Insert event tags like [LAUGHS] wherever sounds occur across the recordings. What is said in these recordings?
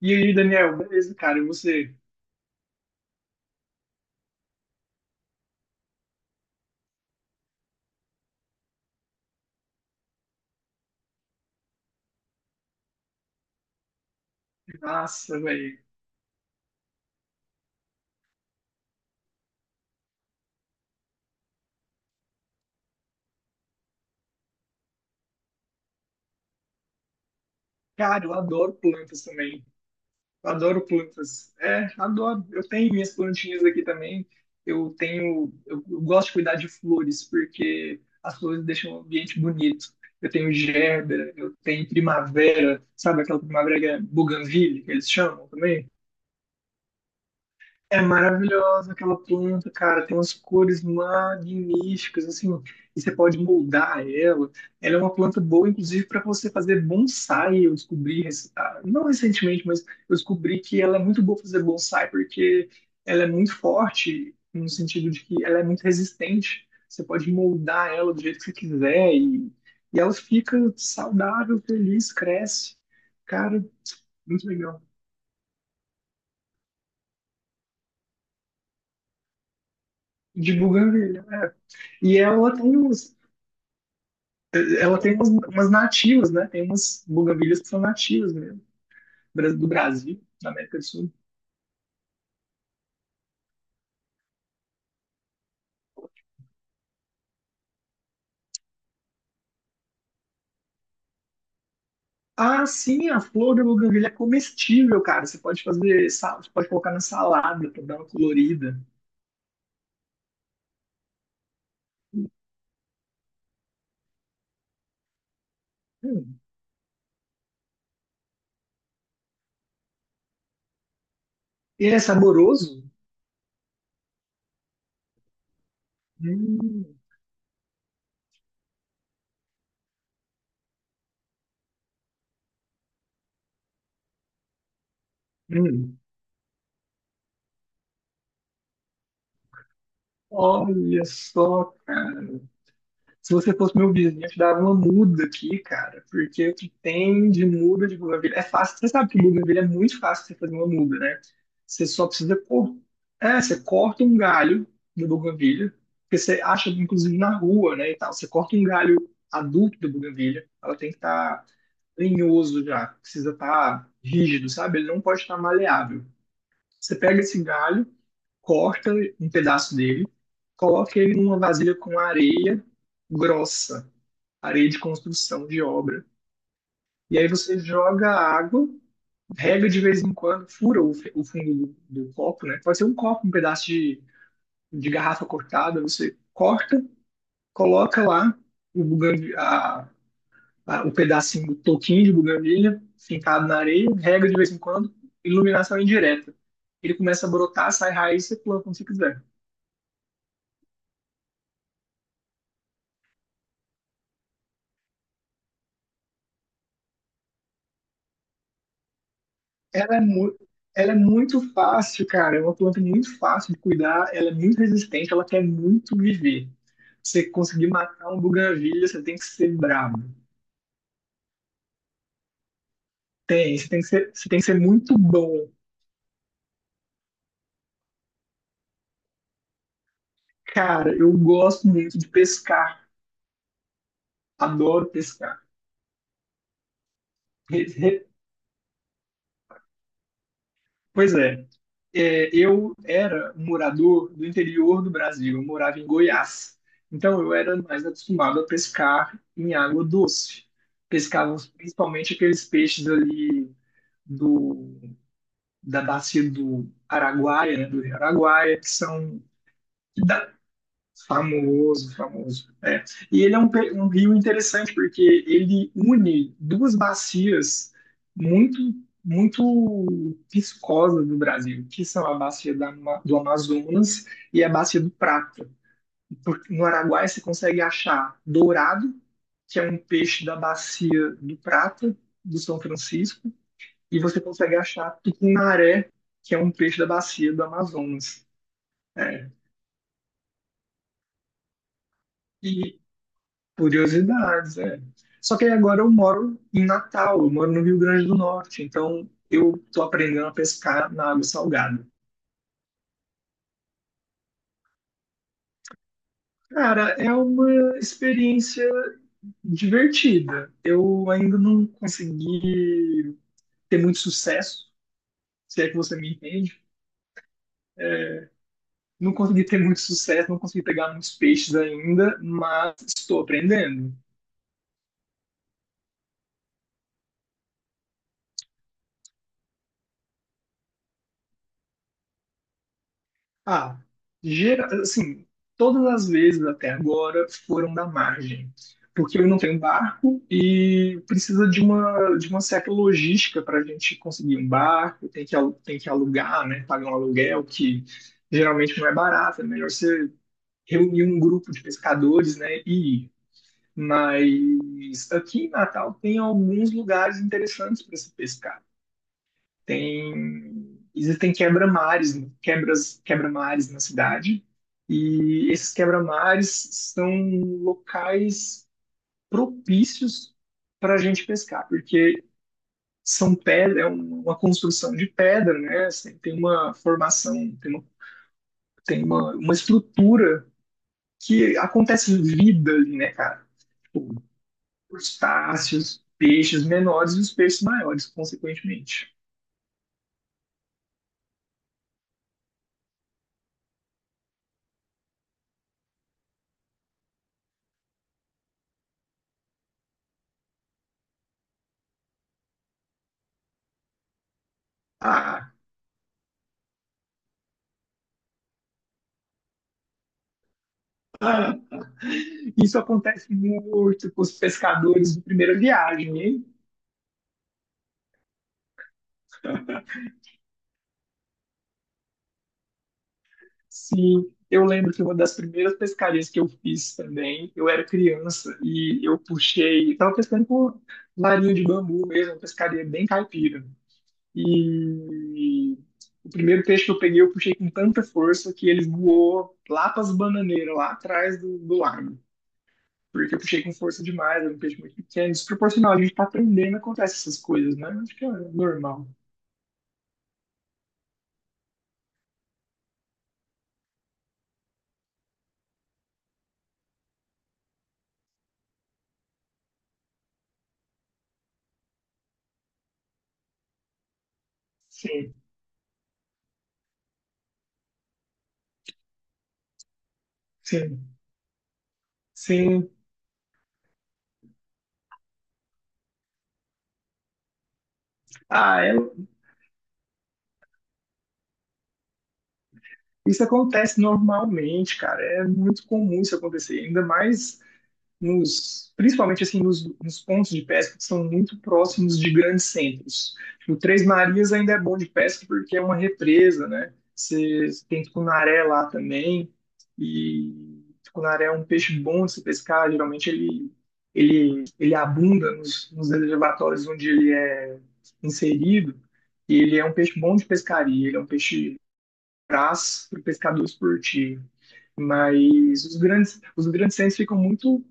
E aí, Daniel, beleza, cara? E você? Nossa, velho. Cara, eu adoro plantas também. Eu adoro plantas. É, adoro. Eu tenho minhas plantinhas aqui também. Eu tenho. Eu gosto de cuidar de flores, porque as flores deixam o ambiente bonito. Eu tenho gerbera, eu tenho primavera, sabe aquela primavera que é buganvília, que eles chamam também? É maravilhosa aquela planta, cara. Tem umas cores magníficas, assim, e você pode moldar ela. Ela é uma planta boa, inclusive, para você fazer bonsai. Eu descobri, não recentemente, mas eu descobri que ela é muito boa pra fazer bonsai, porque ela é muito forte, no sentido de que ela é muito resistente. Você pode moldar ela do jeito que você quiser, e ela fica saudável, feliz, cresce. Cara, muito legal. De buganvília, é. E ela tem uns ela tem umas, umas nativas, né? Tem umas buganvilhas que são nativas mesmo, do Brasil, da América do Sul. Ah, sim, a flor da buganvília é comestível, cara. Você pode fazer, você pode colocar na salada para dar uma colorida. Hum. E é saboroso? Hum, hum. Olha só, cara. Se você fosse meu vizinho, eu te dava uma muda aqui, cara, porque o que tem de muda de bougainville é fácil. Você sabe que bougainville é muito fácil você fazer uma muda, né? Você só precisa cor... é, você corta um galho do bougainville, que você acha inclusive na rua, né, e tal. Você corta um galho adulto da bougainville, ela tem que estar tá lenhoso já, precisa estar rígido, sabe? Ele não pode estar maleável. Você pega esse galho, corta um pedaço dele, coloca ele numa vasilha com areia grossa, areia de construção, de obra. E aí você joga a água, rega de vez em quando, fura o, o fundo do, do copo, né? Pode ser um copo, um pedaço de garrafa cortada, você corta, coloca lá o, o pedacinho do toquinho de buganvília fincado na areia, rega de vez em quando, iluminação indireta. Ele começa a brotar, sai raiz, você planta como você quiser. Ela é, mu Ela é muito fácil, cara. É uma planta muito fácil de cuidar. Ela é muito resistente. Ela quer muito viver. Você conseguir matar um buganvília, você tem que ser brabo. Tem, você tem que ser, você tem que ser muito bom. Cara, eu gosto muito de pescar. Adoro pescar. [LAUGHS] Pois é, é, eu era um morador do interior do Brasil, eu morava em Goiás. Então eu era mais acostumado a pescar em água doce. Pescávamos principalmente aqueles peixes ali do, da bacia do Araguaia, né, do Rio Araguaia, que são que dá famoso, famoso. É. E ele é um, um rio interessante porque ele une duas bacias muito, muito viscosas do Brasil, que são a bacia da do Amazonas e a bacia do Prata. No Araguaia você consegue achar dourado, que é um peixe da bacia do Prata, do São Francisco, e você consegue achar tucunaré, que é um peixe da bacia do Amazonas. É. Curiosidades, é. Só que aí agora eu moro em Natal, eu moro no Rio Grande do Norte, então eu tô aprendendo a pescar na água salgada. Cara, é uma experiência divertida. Eu ainda não consegui ter muito sucesso, se é que você me entende. Não consegui ter muito sucesso, não consegui pegar muitos peixes ainda, mas estou aprendendo. Ah, gera, assim, todas as vezes até agora foram da margem, porque eu não tenho barco e precisa de uma certa logística para a gente conseguir um barco, tem que, tem que alugar, né, pagar um aluguel que geralmente não é barato, é melhor você reunir um grupo de pescadores, né, e ir. Mas aqui em Natal tem alguns lugares interessantes para se pescar tem existem quebra-mares, quebras, quebra-mares na cidade, e esses quebra-mares são locais propícios para a gente pescar, porque são pedra, é uma construção de pedra, né? Assim, tem uma formação, tem uma estrutura que acontece vida ali, né, cara? Tipo, crustáceos, peixes menores e os peixes maiores, consequentemente. Ah, ah, isso acontece muito com os pescadores de primeira viagem, hein? Sim, eu lembro que uma das primeiras pescarias que eu fiz também, eu era criança e eu puxei, estava pescando com larinha de bambu mesmo, uma pescaria bem caipira. E o primeiro peixe que eu peguei, eu puxei com tanta força que ele voou lá para as bananeiras, lá atrás do, do lago. Porque eu puxei com força demais, era um peixe muito pequeno, desproporcional. A gente está aprendendo, acontece essas coisas, né? Acho que é normal. Sim. Sim, sim. Ah, é- isso acontece normalmente, cara. É muito comum isso acontecer. Ainda mais nos, principalmente assim nos, nos pontos de pesca que são muito próximos de grandes centros. O Três Marias ainda é bom de pesca porque é uma represa, né? Você tem tucunaré lá também e tucunaré é um peixe bom de se pescar. Geralmente ele ele abunda nos, nos reservatórios onde ele é inserido. E ele é um peixe bom de pescaria. Ele é um peixe praça para o pescador esportivo mas os grandes centros ficam muito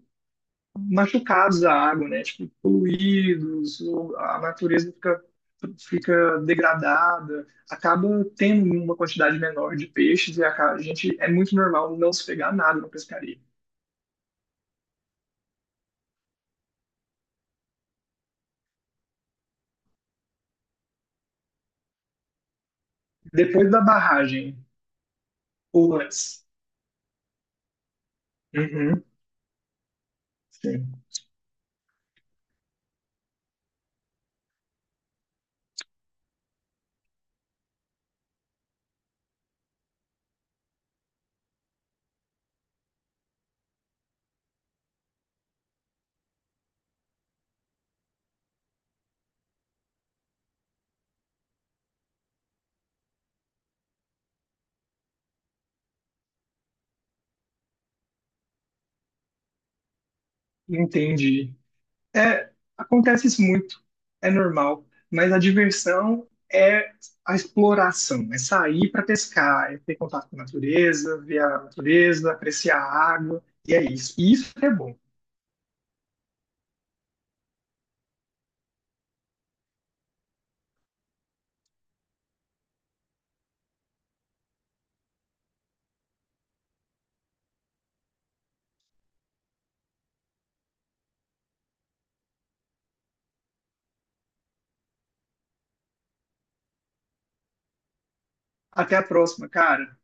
machucados à água, né? Tipo, poluídos, ou a natureza fica, fica degradada, acaba tendo uma quantidade menor de peixes e a gente é muito normal não se pegar nada na pescaria. Depois da barragem, ou antes. Uhum, sim, entendi. É, acontece isso muito, é normal, mas a diversão é a exploração, é sair para pescar, é ter contato com a natureza, ver a natureza, apreciar a água, e é isso. E isso que é bom. Até a próxima, cara.